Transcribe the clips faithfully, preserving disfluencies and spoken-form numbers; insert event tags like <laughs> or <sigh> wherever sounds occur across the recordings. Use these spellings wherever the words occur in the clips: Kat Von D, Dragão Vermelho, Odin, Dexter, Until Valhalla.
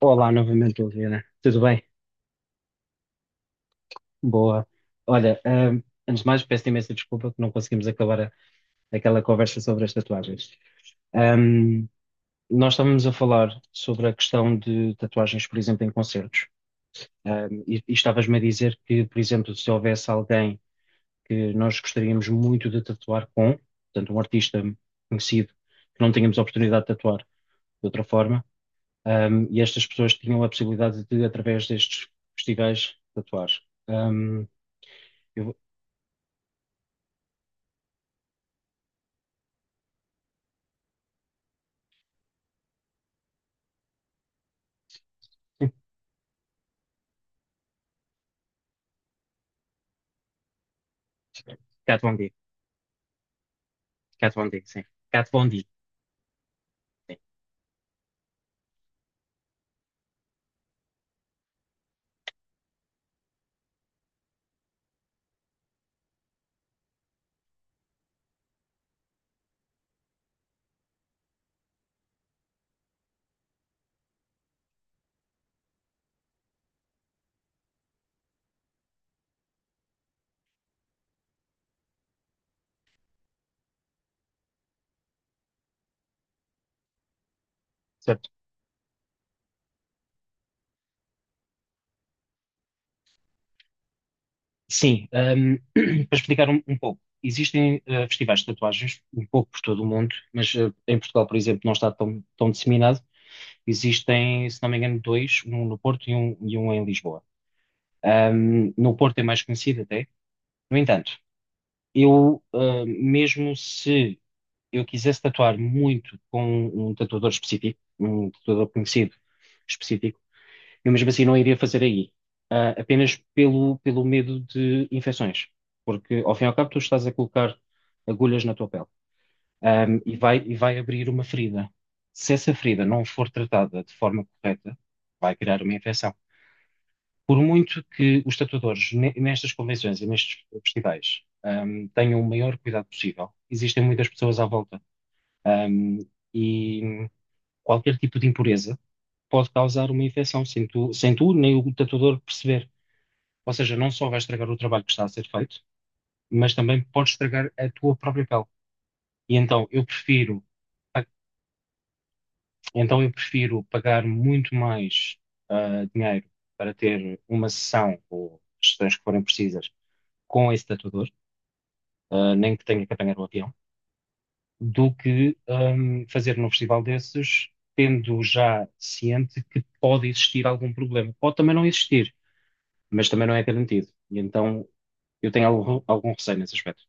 Olá novamente, Liliana. Tudo bem? Boa. Olha, ahm, antes de mais, peço imensa desculpa que não conseguimos acabar a- aquela conversa sobre as tatuagens. Ahm, Nós estávamos a falar sobre a questão de tatuagens, por exemplo, em concertos. Ahm, e e estavas-me a dizer que, por exemplo, se houvesse alguém que nós gostaríamos muito de tatuar com, portanto, um artista conhecido, que não tínhamos a oportunidade de tatuar de outra forma, ahm, e estas pessoas tinham a possibilidade de, através destes festivais, tatuar. Hum, Eu vou... Sim, Kat Von D. Kat Von D, sim. Cat Von D, sim. Certo. Sim, ahm, <clears throat> para explicar um, um pouco, existem ah, festivais de tatuagens um pouco por todo o mundo, mas ah, em Portugal, por exemplo, não está tão, tão disseminado. Existem, se não me engano, dois, um no Porto e um, e um em Lisboa. Ahm, no Porto é mais conhecido até. No entanto, eu, ah, mesmo se eu quisesse tatuar muito com um tatuador específico, um tatuador conhecido específico, eu mesmo assim não iria fazer aí. Ah, apenas pelo, pelo medo de infecções, porque ao fim e ao cabo tu estás a colocar agulhas na tua pele, ahm, e vai, e vai abrir uma ferida. Se essa ferida não for tratada de forma correta, vai criar uma infecção. Por muito que os tatuadores ne- nestas convenções e nestes festivais, ahm, tenham o maior cuidado possível, existem muitas pessoas à volta, ahm, e qualquer tipo de impureza pode causar uma infecção sem tu, sem tu nem o tatuador perceber. Ou seja, não só vais estragar o trabalho que está a ser feito, mas também podes estragar a tua própria pele. E então eu prefiro, ah, então eu prefiro pagar muito mais ah, dinheiro para ter uma sessão ou sessões que forem precisas com esse tatuador, ah, nem que tenha que apanhar o avião, do que ahm, fazer num festival desses, tendo já ciente que pode existir algum problema. Pode também não existir, mas também não é garantido. E então eu tenho algum, algum receio nesse aspecto.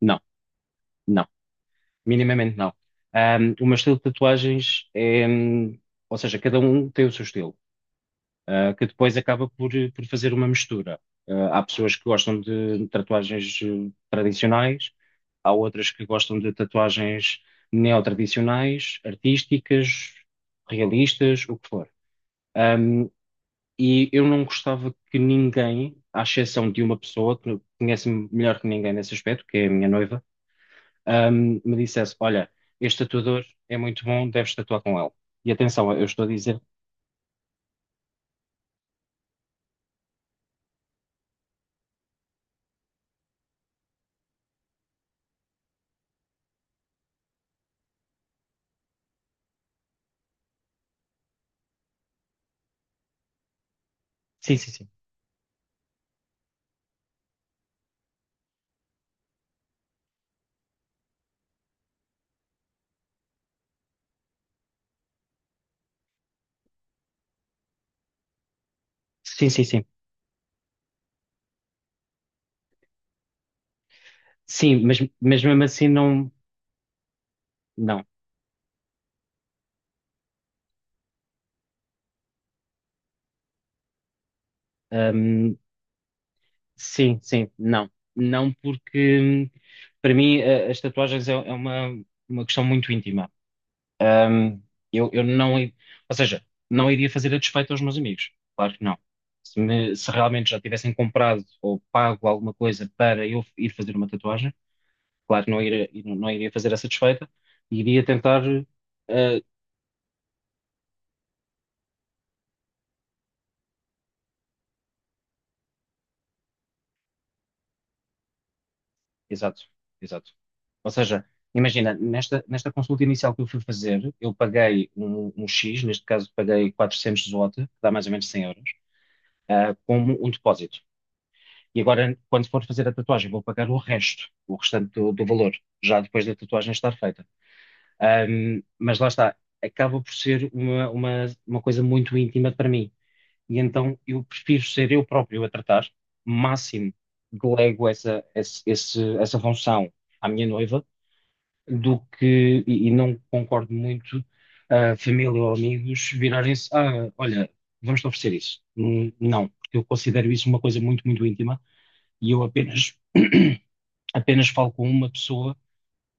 Não, não. Minimamente não. Ahm, o meu estilo de tatuagens é, hum, ou seja, cada um tem o seu estilo, ah, que depois acaba por, por fazer uma mistura. Ah, há pessoas que gostam de tatuagens eh, tradicionais, há outras que gostam de tatuagens neotradicionais, artísticas, realistas, o que for. Ahm, e eu não gostava que ahm, me dissesse: "Olha, este tatuador é muito bom, deves tatuar com ele." E atenção, eu estou a dizer: Sim, sim, sim. Sim, sim, sim. Sim, mas, mas mesmo assim, não. Não. Ahm, sim, sim, não. Não, porque hum, para mim a- as tatuagens é, é uma, uma questão muito íntima. Ahm, eu, eu não. i- Ou seja, não iria fazer a despeito aos meus amigos. Claro que não. Se, me- se realmente já tivessem comprado ou pago alguma coisa para eu ir fazer uma tatuagem. Claro, não iria, não iria fazer essa desfeita, e iria tentar. eh, Exato, exato. Ou seja, imagina, nesta, nesta consulta inicial que eu fui fazer, eu paguei um, um X, neste caso paguei quatrocentos zloty, que dá mais ou menos cem euros, ah, como um depósito. E agora, quando for fazer a tatuagem, vou pagar o resto, o restante do, do valor, já depois da tatuagem estar feita. Ahm, mas lá está, acaba por ser uma, uma, uma coisa muito íntima para mim. E então eu prefiro ser eu próprio a tratar, máximo delego essa, esse- esse- essa função à minha noiva, do que, e, e não concordo muito, a família ou amigos virarem-se, ah, olha, vamos-te oferecer isso. Hum, Não, porque eu considero isso uma coisa muito, muito íntima e eu apenas, <clears throat> apenas falo com uma pessoa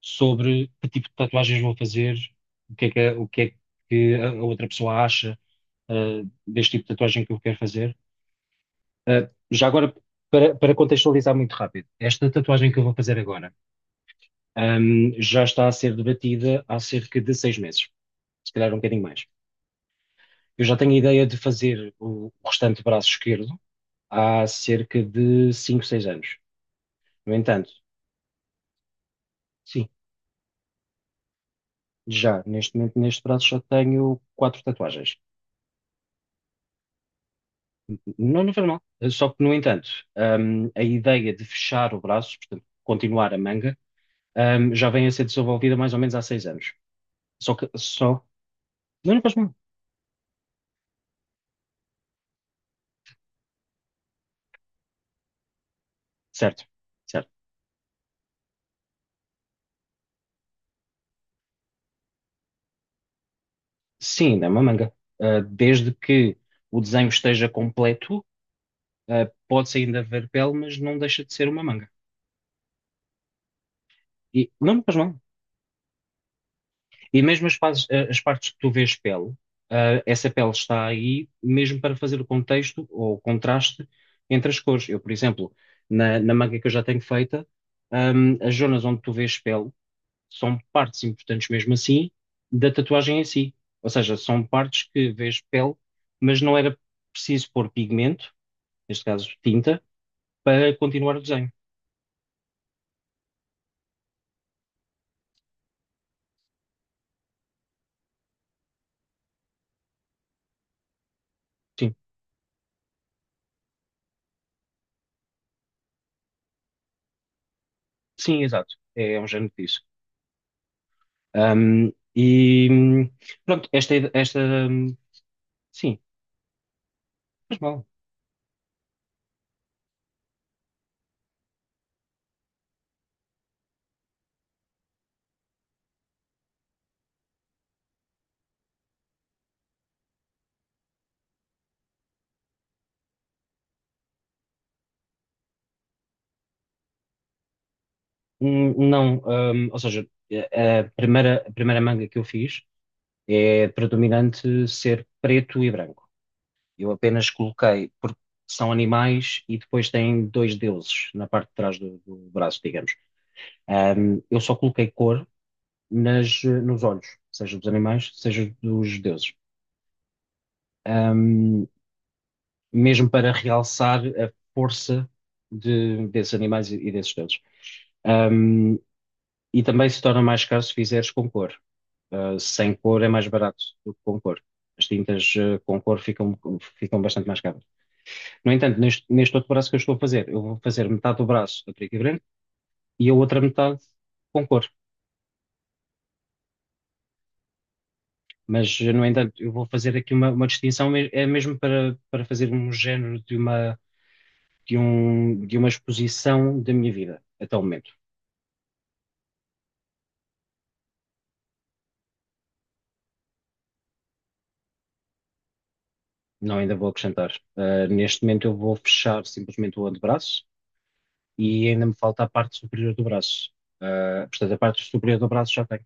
sobre que tipo de tatuagens vou fazer, o que é que, o que é que a outra pessoa acha, ah, deste tipo de tatuagem que eu quero fazer. Ah, já agora, para, para contextualizar muito rápido, esta tatuagem que eu vou fazer agora, ahm, já está a ser debatida há cerca de seis meses, se calhar um bocadinho mais. Eu já tenho a ideia de fazer o o restante braço esquerdo há cerca de cinco, seis anos. No entanto, sim, já neste momento, neste braço, já tenho quatro tatuagens. Não, não faz mal. Só que, no entanto, ahm, a ideia de fechar o braço, portanto, continuar a manga, ahm, já vem a ser desenvolvida mais ou menos há seis anos. Só que, só. Não lhe faz mal. Certo, certo. Sim, ainda é uma manga. Ah, desde que o desenho esteja completo, ah, pode-se ainda ver pele, mas não deixa de ser uma manga. E não lhe faz mal. E mesmo as, fases- ah, as partes que tu vês pele, ah, essa pele está aí mesmo para fazer o contexto ou o contraste entre as cores. Eu, por exemplo, na, na manga que eu já tenho feita, ahm, as zonas onde tu vês pele, são partes importantes mesmo assim da tatuagem em si. Ou seja, são partes que vês pele, mas não era preciso pôr pigmento, neste caso tinta, para continuar o desenho. Sim, sim, exato. É, um género disso. Ahm, e hum, pronto, esta, esta hum, sim, faz mal. Hum, não, hum, ou seja, a a primeira, a primeira manga que eu fiz é predominante ser preto e branco. Eu apenas coloquei, porque são animais e depois têm dois deuses na parte de trás do, do braço, digamos. Ahm, eu só coloquei cor nas, nos olhos, seja dos animais, seja dos deuses. Ahm, Mesmo para realçar a força de- desses animais e e desses deuses. Um, e também se torna mais caro se fizeres com cor. Uh, sem cor é mais barato do que com cor. As tintas, uh, com cor ficam, ficam bastante mais caras. No entanto, neste, neste outro braço que eu estou a fazer, eu vou fazer metade do braço a preto e branco e a outra metade com cor. Mas, no entanto, eu vou fazer aqui uma, uma distinção, me- é mesmo para, para fazer um género de uma, de um, de uma exposição da minha vida até o momento. Não ainda vou acrescentar. Ah, neste momento eu vou fechar simplesmente o antebraço e ainda me falta a parte superior do braço. Ah, portanto, a parte superior do braço já tenho.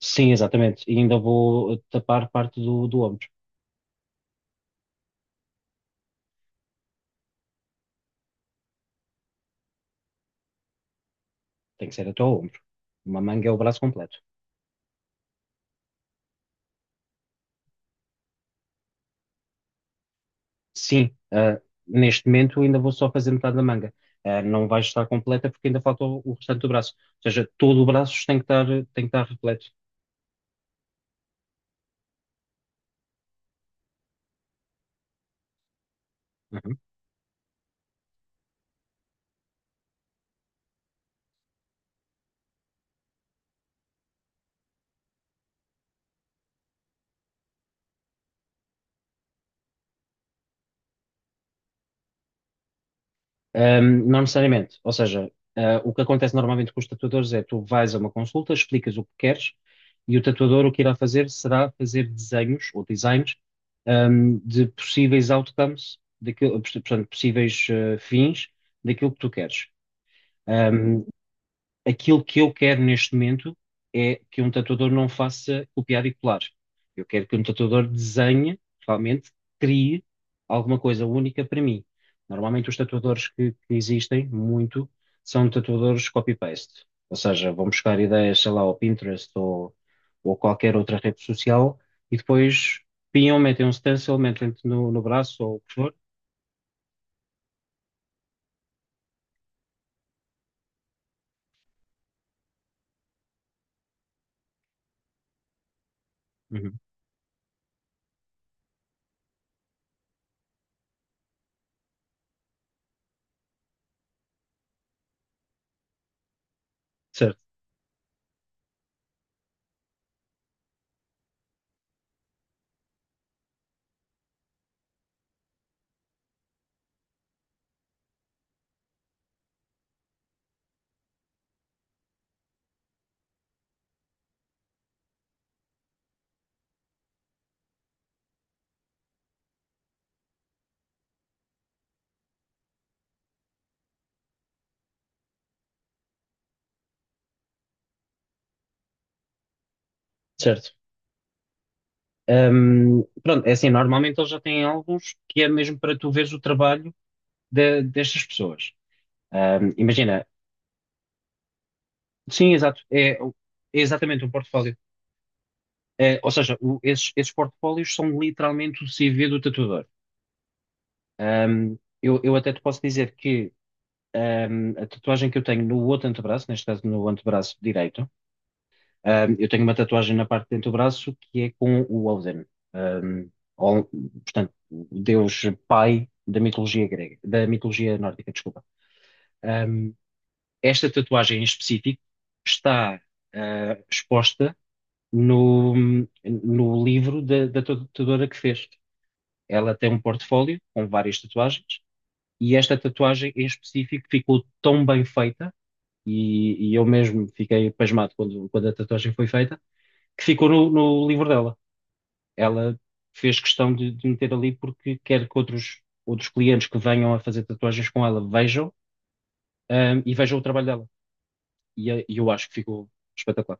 Sim, exatamente. E ainda vou tapar parte do, do ombro. Tem que ser até ao ombro. Uma manga é o braço completo. Sim, ah, neste momento ainda vou só fazer metade da manga. Ah, não vai estar completa porque ainda falta o, o restante do braço. Ou seja, todo o braço tem que estar, tem que estar repleto. Uhum. Ah, não necessariamente. Ou seja, ah, o que acontece normalmente com os tatuadores é tu vais a uma consulta, explicas o que queres e o tatuador o que irá fazer será fazer desenhos ou designs, ahm, de possíveis outcomes, daquilo, portanto, possíveis eh, fins daquilo que tu queres. Ahm, Aquilo que eu quero neste momento é que um tatuador não faça copiar e colar. Eu quero que um tatuador desenhe, realmente crie alguma coisa única para mim. Normalmente os tatuadores que, que existem muito são tatuadores copy-paste. Ou seja, vão buscar ideias, sei lá, ao Pinterest ou, ou qualquer outra rede social e depois pinham, metem um stencil, metem no, no braço ou o que for. Uhum. Certo, certo. Hum, pronto, é assim, normalmente eles já têm alguns que é mesmo para tu veres o trabalho de- destas pessoas. Hum, imagina, sim, exato, é, é exatamente um portfólio. É, ou seja, o- esses, esses portfólios são literalmente o C V do tatuador. Hum, eu, eu até te posso dizer que hum, a tatuagem que eu tenho no outro antebraço, neste caso no antebraço direito, Um, eu tenho uma tatuagem na parte de dentro do braço que é com o Odin. Um, Ol- Portanto, o Deus pai da mitologia grega, da mitologia nórdica, desculpa. Um, Esta tatuagem em específico está uh, exposta no, no livro da, da tatuadora que fez. Ela tem um portfólio com várias tatuagens e esta tatuagem em específico ficou tão bem feita e, e eu mesmo fiquei pasmado quando, quando a tatuagem foi feita que ficou no no livro dela. ela fez questão de, de meter ali porque quer que outros, outros clientes que venham a fazer tatuagens com ela vejam, ahm, e vejam o trabalho dela. E, eh, e eu acho que ficou espetacular.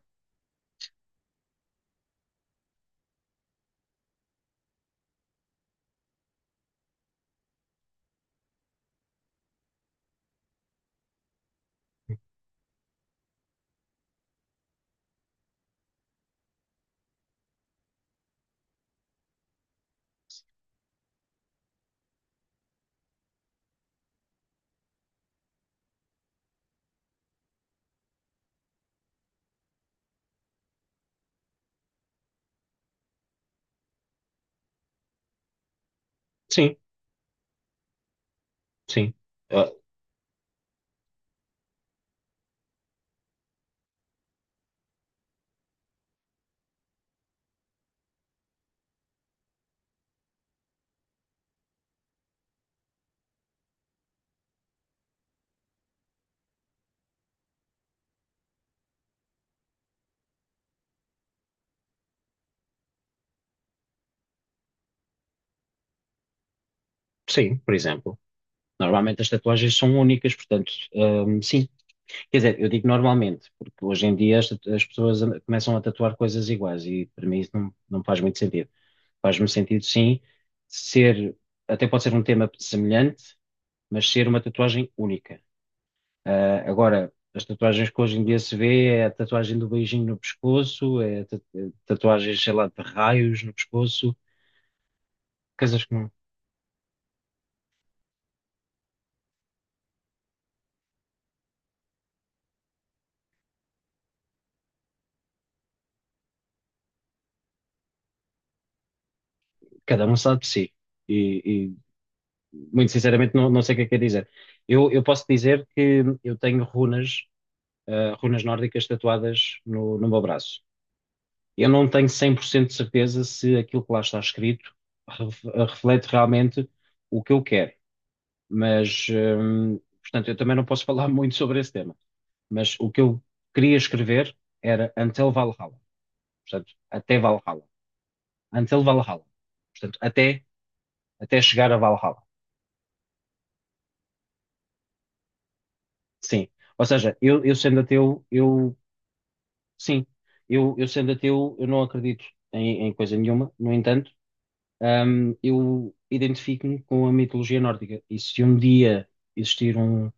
Sim, sim. Ah, sim, por exemplo. Normalmente as tatuagens são únicas, portanto, ahm, sim. Quer dizer, eu digo normalmente, porque hoje em dia as, tatu- as pessoas an- começam a tatuar coisas iguais e para mim isso não, não faz muito sentido. Faz-me sentido, sim, ser, até pode ser um tema semelhante, mas ser uma tatuagem única. Ah, agora, as tatuagens que hoje em dia se vê é a tatuagem do beijinho no pescoço, é ta- tatuagens, sei lá, de raios no pescoço, coisas que não- cada um sabe de si. E, e, muito sinceramente não, não sei o que é que é dizer. Eu, eu posso dizer que eu tenho runas, ah, runas nórdicas tatuadas no, no meu braço. Eu não tenho cem por cento de certeza se aquilo que lá está escrito ref- reflete realmente o que eu quero. Mas, hum, portanto, eu também não posso <laughs> falar muito sobre esse tema. Mas o que eu queria escrever era Until Valhalla. Portanto, até Valhalla. Until Valhalla. Portanto, até, até chegar a Valhalla. Sim. Ou seja, eu, eu sendo ateu, eu, sim. Eu, eu sendo ateu, eu não acredito em, em coisa nenhuma. No entanto, hum, eu identifico-me com a mitologia nórdica. E se um dia existir um,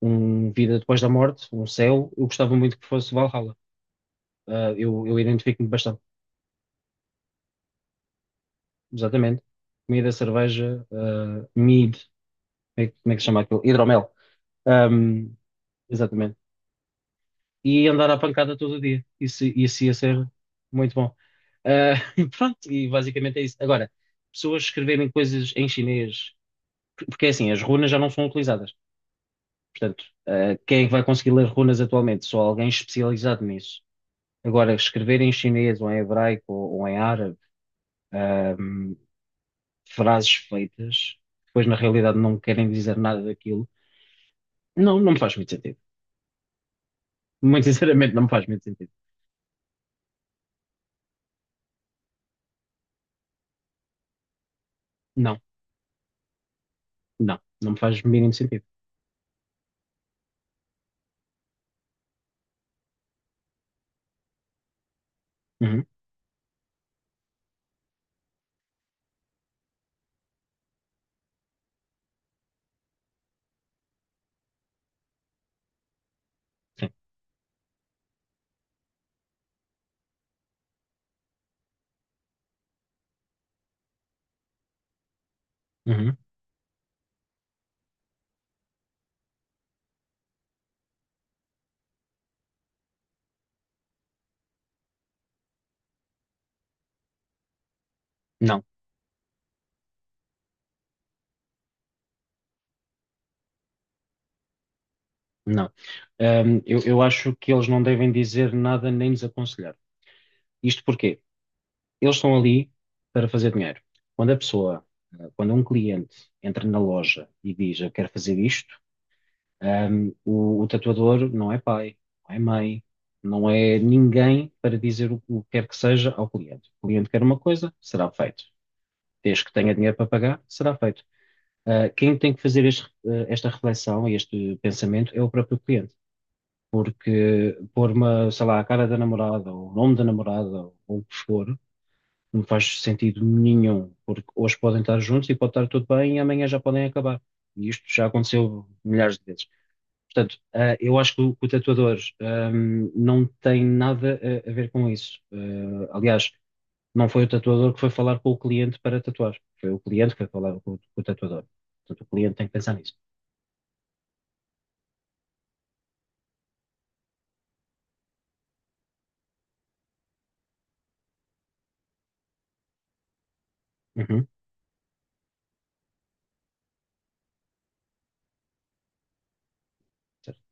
um vida depois da morte, um céu, eu gostava muito que fosse Valhalla. Ah, eu eu identifico-me bastante, exatamente. Comida, cerveja, ah, mead, como é, que como é que se chama aquilo? Hidromel. Ahm, exatamente. E andar à pancada todo o dia. Isso, isso ia ser muito bom. Ah, <laughs> pronto, e basicamente é isso. Agora, pessoas escreverem coisas em chinês, por- porque é assim, as runas já não são utilizadas. Portanto, ah, quem é que vai conseguir ler runas atualmente? Só alguém especializado nisso. Agora, escrever em chinês ou em hebraico ou, ou em árabe. Frases feitas, que depois na realidade não querem dizer nada daquilo. Não, não me faz muito sentido. Muito sinceramente, não me faz muito sentido. Não, não, não me faz mínimo sentido. Uhum, sim, uhum, não, não. Ahm, eu, eu acho que eles não devem dizer nada nem desaconselhar. Isto porque eles estão ali para fazer dinheiro. Quando a pessoa, eh, quando um cliente entra na loja e diz eu quero fazer isto. Um, o, o tatuador não é pai, não é mãe, não é ninguém para dizer o, o que quer que seja ao cliente. O cliente quer uma coisa, será feito. Desde que tenha dinheiro para pagar, será feito. Uh, quem tem que fazer este, uh, esta reflexão e este pensamento é o próprio cliente. Porque pôr uma, sei lá, a cara da namorada, ou o nome da namorada, ou o que for, não faz sentido nenhum. Porque hoje podem estar juntos e pode estar tudo bem e amanhã já podem acabar. E isto já aconteceu milhares de vezes. Portanto, ah, eu acho que o, que o tatuador ahm, não tem nada a, a ver com isso. Ah, aliás, não foi o tatuador que foi falar com o cliente para tatuar. Foi o cliente que foi falar com, o com o tatuador. Portanto, o cliente tem que pensar nisso. Uhum, certo.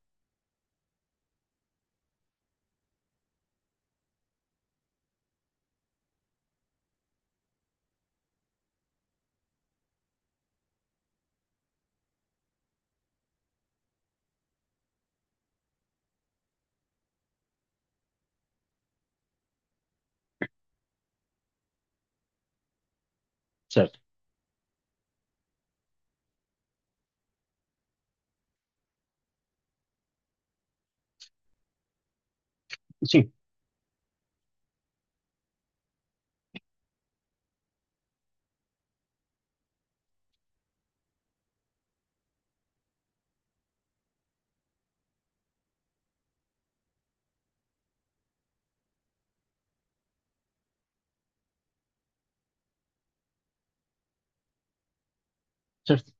Certo. Sim, certo.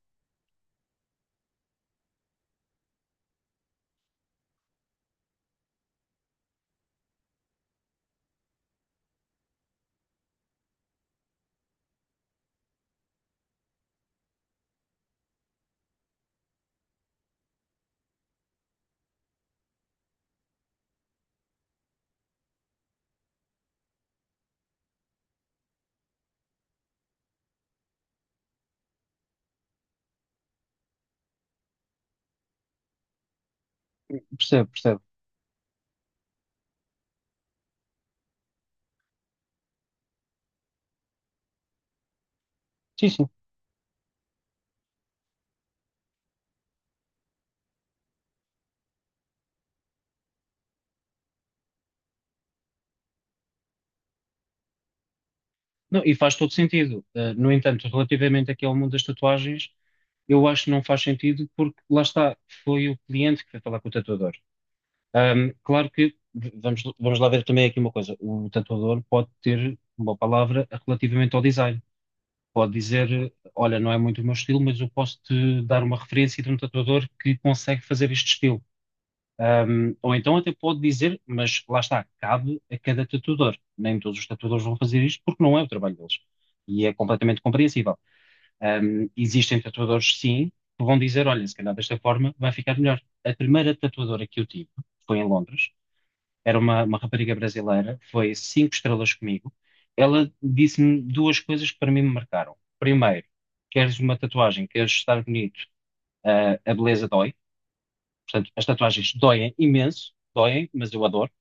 Percebo, percebo. Sim, sim. Não, e faz todo sentido. Ah, no entanto, relativamente aqui ao mundo das tatuagens, eu acho que não faz sentido porque lá está, foi o cliente que foi falar com o tatuador. Ahm, claro que v- vamos, vamos lá ver também aqui uma coisa. O tatuador pode ter uma palavra relativamente ao design. Pode dizer, olha, não é muito o meu estilo, mas eu posso te dar uma referência de um tatuador que consegue fazer este estilo. Ahm, ou então até pode dizer, mas lá está, cabe a cada tatuador. Nem todos os tatuadores vão fazer isto porque não é o trabalho deles. E é completamente compreensível. Ahm, existem tatuadores, sim, que vão dizer, olha, se calhar desta forma vai ficar melhor. A primeira tatuadora que eu tive foi em Londres, era uma, uma rapariga brasileira, foi cinco estrelas comigo. Ela disse-me duas coisas que para mim me marcaram. Primeiro, queres uma tatuagem, queres estar bonito, ah, a beleza dói. Portanto, as tatuagens doem imenso, doem, mas eu adoro.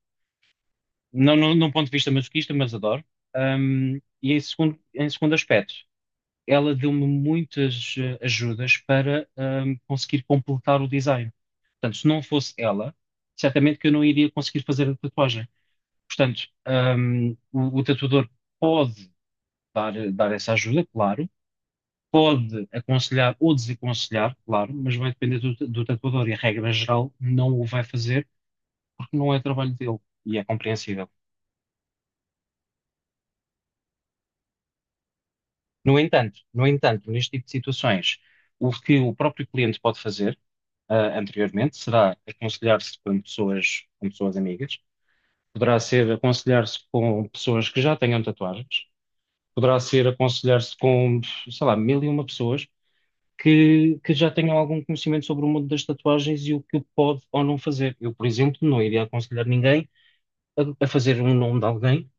Não, não, não ponto de vista masoquista, mas adoro. Ahm, e em segundo, em segundo aspecto, ela deu-me muitas eh, ajudas para ahm, conseguir completar o design. Portanto, se não fosse ela, certamente que eu não iria conseguir fazer a tatuagem. Portanto, hum, o, o tatuador pode dar, dar essa ajuda, claro, pode aconselhar ou desaconselhar, claro, mas vai depender do, do tatuador e, a regra geral, não o vai fazer porque não é trabalho dele e é compreensível. No entanto, no entanto, neste tipo de situações, o que o próprio cliente pode fazer, ah, anteriormente será aconselhar-se com pessoas, com pessoas amigas, poderá ser aconselhar-se com pessoas que já tenham tatuagens, poderá ser aconselhar-se com, sei lá, mil e uma pessoas que, que já tenham algum conhecimento sobre o mundo das tatuagens e o que pode ou não fazer. Eu, por exemplo, não iria aconselhar ninguém a, a fazer um nome de alguém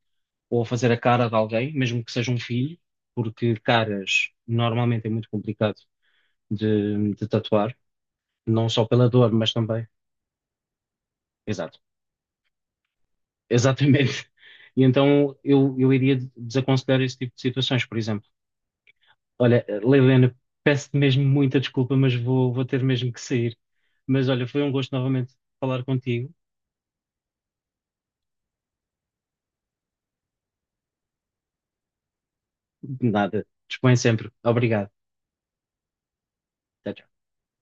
ou a fazer a cara de alguém, mesmo que seja um filho, porque caras normalmente é muito complicado de, de tatuar, não só pela dor, mas também. Exato, <laughs> exatamente. E então eu, eu iria desaconselhar esse tipo de situações, por exemplo. Olha, Leilena, peço-te mesmo muita desculpa, mas vou, vou ter mesmo que sair. Mas olha, foi um gosto novamente falar contigo. Nada. Dispõe sempre. Obrigado. Até já.